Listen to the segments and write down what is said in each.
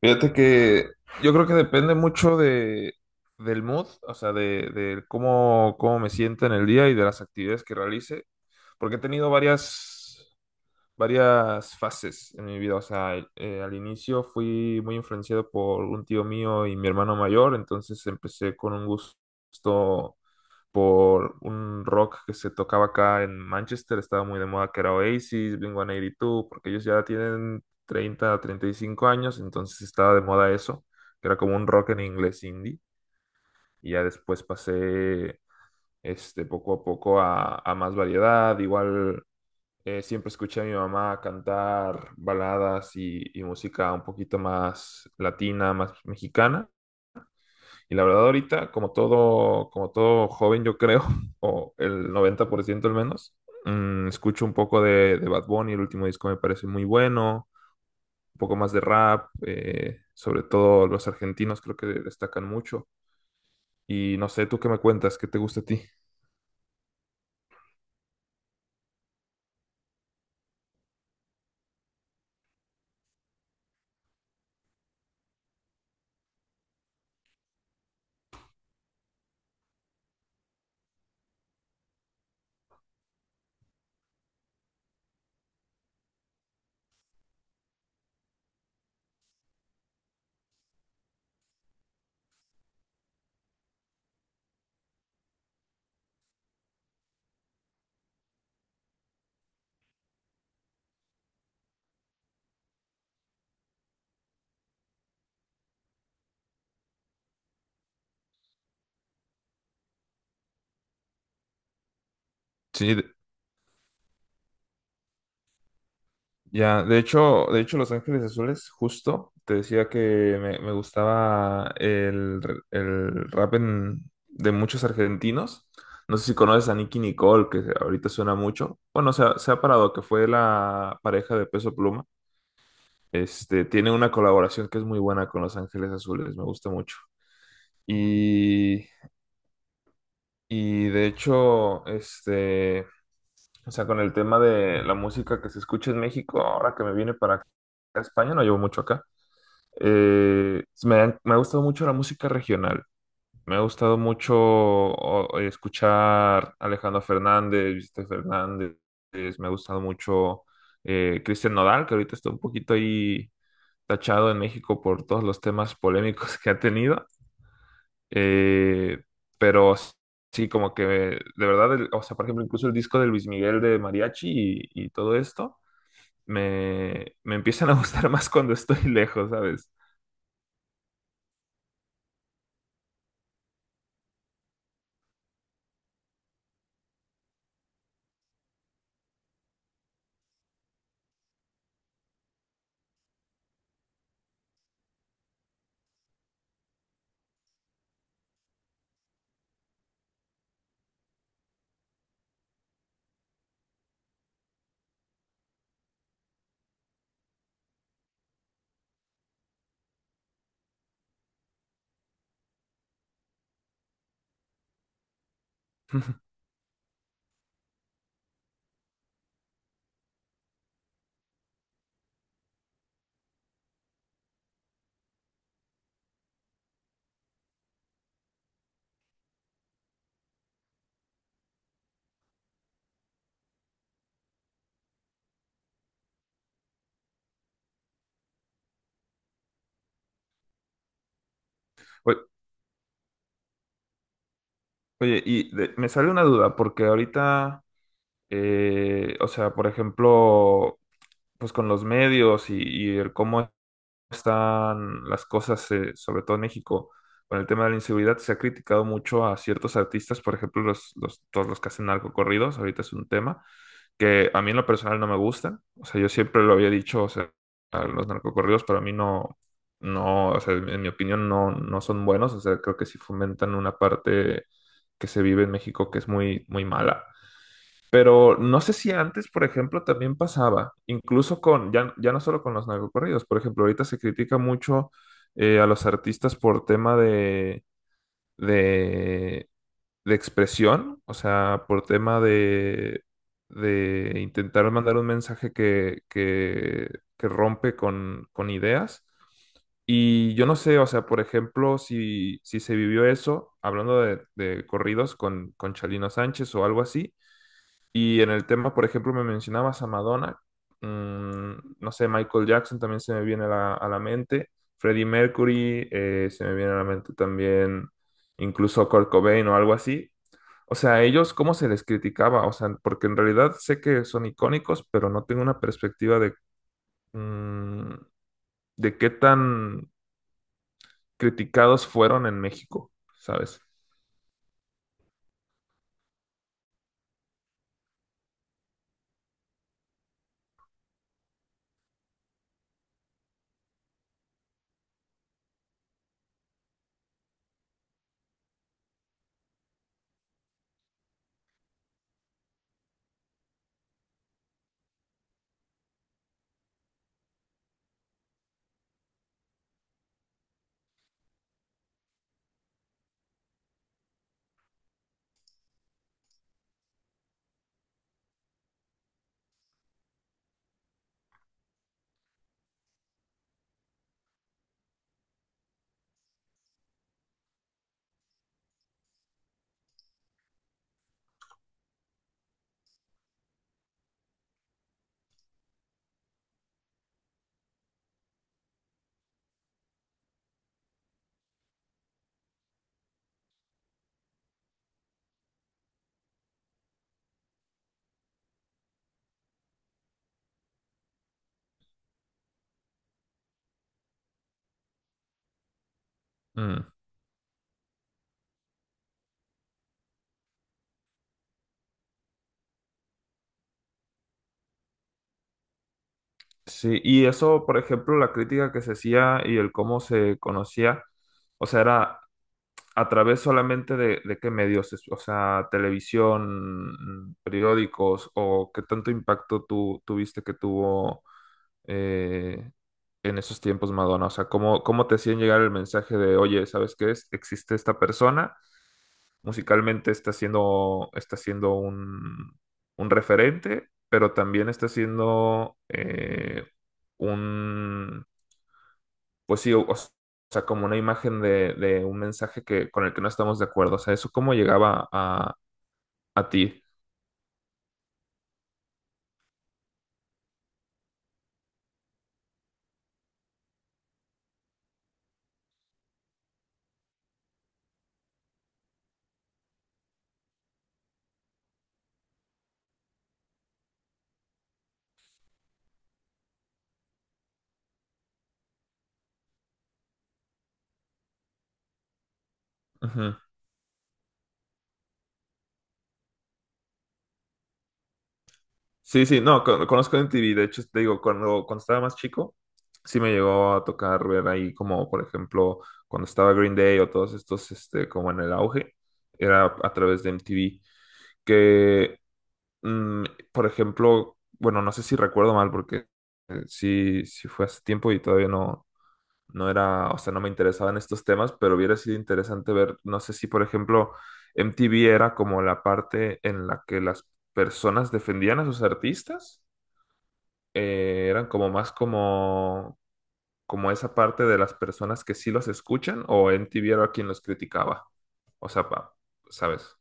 Fíjate que yo creo que depende mucho del mood, o sea, de cómo me sienta en el día y de las actividades que realice, porque he tenido varias fases en mi vida, o sea, al inicio fui muy influenciado por un tío mío y mi hermano mayor, entonces empecé con un gusto por un rock que se tocaba acá en Manchester, estaba muy de moda, que era Oasis, Blink-182, porque ellos ya tienen 30 35 años, entonces estaba de moda eso, que era como un rock en inglés indie. Y ya después pasé poco a poco a más variedad. Igual siempre escuché a mi mamá cantar baladas y música un poquito más latina, más mexicana. Y la verdad ahorita, como todo joven, yo creo, o el 90% al menos, escucho un poco de Bad Bunny. El último disco me parece muy bueno, un poco más de rap, sobre todo los argentinos creo que destacan mucho. Y no sé, ¿tú qué me cuentas? ¿Qué te gusta a ti? Sí. Ya, de hecho, Los Ángeles Azules, justo, te decía que me gustaba el rap de muchos argentinos. No sé si conoces a Nicki Nicole, que ahorita suena mucho. Bueno, se ha parado, que fue la pareja de Peso Pluma. Tiene una colaboración que es muy buena con Los Ángeles Azules, me gusta mucho. Y, y de hecho, o sea, con el tema de la música que se escucha en México, ahora que me vine para acá, a España. No llevo mucho acá. Me ha gustado mucho la música regional. Me ha gustado mucho escuchar Alejandro Fernández, Vicente Fernández. Me ha gustado mucho Cristian Nodal, que ahorita está un poquito ahí tachado en México por todos los temas polémicos que ha tenido. Eh, pero sí, como que de verdad, o sea, por ejemplo, incluso el disco de Luis Miguel de Mariachi y todo esto, me empiezan a gustar más cuando estoy lejos, ¿sabes? Oye, y me sale una duda, porque ahorita, o sea, por ejemplo, pues con los medios y el cómo están las cosas, sobre todo en México, con el tema de la inseguridad, se ha criticado mucho a ciertos artistas, por ejemplo, todos los que hacen narcocorridos. Ahorita es un tema que a mí en lo personal no me gusta. O sea, yo siempre lo había dicho, o sea, a los narcocorridos para mí no, no, o sea, en mi opinión no, no son buenos. O sea, creo que sí fomentan una parte que se vive en México que es muy, muy mala. Pero no sé si antes, por ejemplo, también pasaba, incluso con, ya, ya no solo con los narcocorridos, por ejemplo, ahorita se critica mucho a los artistas por tema de de expresión, o sea, por tema de intentar mandar un mensaje que rompe con ideas. Y yo no sé, o sea, por ejemplo, si se vivió eso, hablando de corridos con Chalino Sánchez o algo así, y en el tema, por ejemplo, me mencionabas a Madonna. mm, no sé, Michael Jackson también se me viene a la mente, Freddie Mercury se me viene a la mente también, incluso Kurt Cobain o algo así. O sea, a ellos, ¿cómo se les criticaba? O sea, porque en realidad sé que son icónicos, pero no tengo una perspectiva mm, de qué tan criticados fueron en México, ¿sabes? Mm. Sí, y eso, por ejemplo, la crítica que se hacía y el cómo se conocía, o sea, era a través solamente de qué medios, o sea, televisión, periódicos, o qué tanto impacto tú tuviste que tuvo eh, en esos tiempos Madonna, o sea, cómo, cómo te hacían llegar el mensaje de, oye, ¿sabes qué es? Existe esta persona. Musicalmente está siendo un referente, pero también está siendo un, pues sí, o sea, como una imagen de un mensaje que, con el que no estamos de acuerdo. O sea, ¿eso cómo llegaba a ti? Ujú. Sí, sí, no, conozco MTV, de hecho, te digo, cuando estaba más chico, sí me llegó a tocar ver ahí como, por ejemplo, cuando estaba Green Day o todos estos, como en el auge, era a través de MTV, que, mm, por ejemplo, bueno, no sé si recuerdo mal, porque sí, sí fue hace tiempo y todavía no, no era, o sea, no me interesaban estos temas, pero hubiera sido interesante ver, no sé si, por ejemplo, MTV era como la parte en la que las personas defendían a sus artistas eran como más como esa parte de las personas que sí los escuchan o MTV era quien los criticaba. O sea, ¿sabes?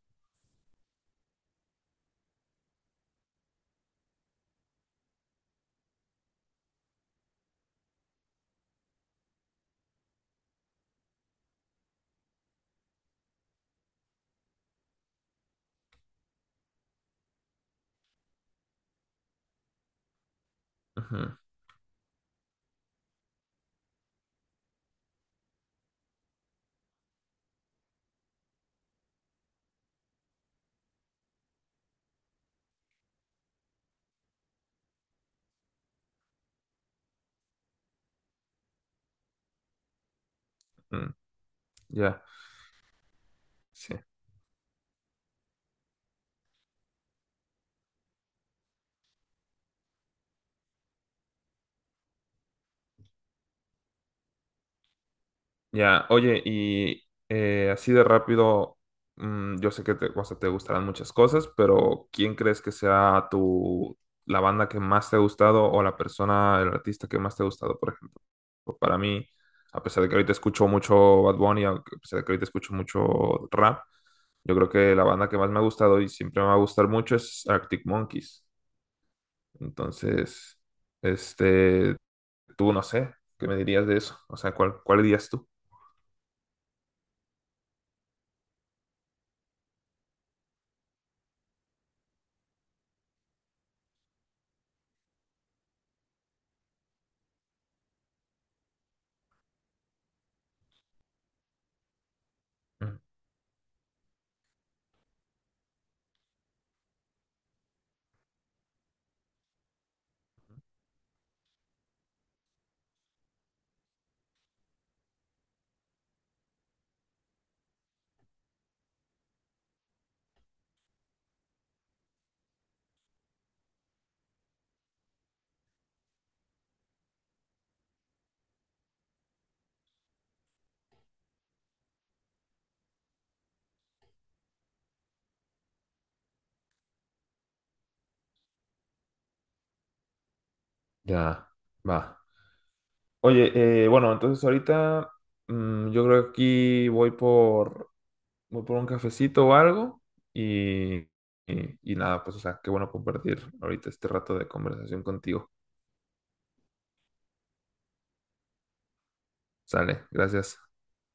Ujú, mm, ya, sí. Ya, oye, y así de rápido, yo sé que te, o sea, te gustarán muchas cosas, pero ¿quién crees que sea tu, la banda que más te ha gustado o la persona, el artista que más te ha gustado, por ejemplo? Pues para mí, a pesar de que ahorita escucho mucho Bad Bunny, a pesar de que ahorita escucho mucho rap, yo creo que la banda que más me ha gustado y siempre me va a gustar mucho es Arctic Monkeys. Entonces, este, tú no sé, ¿qué me dirías de eso? O sea, ¿cuál dirías tú? Ya, va. Oye, bueno, entonces ahorita yo creo que aquí voy por un cafecito o algo y, y nada, pues o sea, qué bueno compartir ahorita este rato de conversación contigo. Sale, gracias.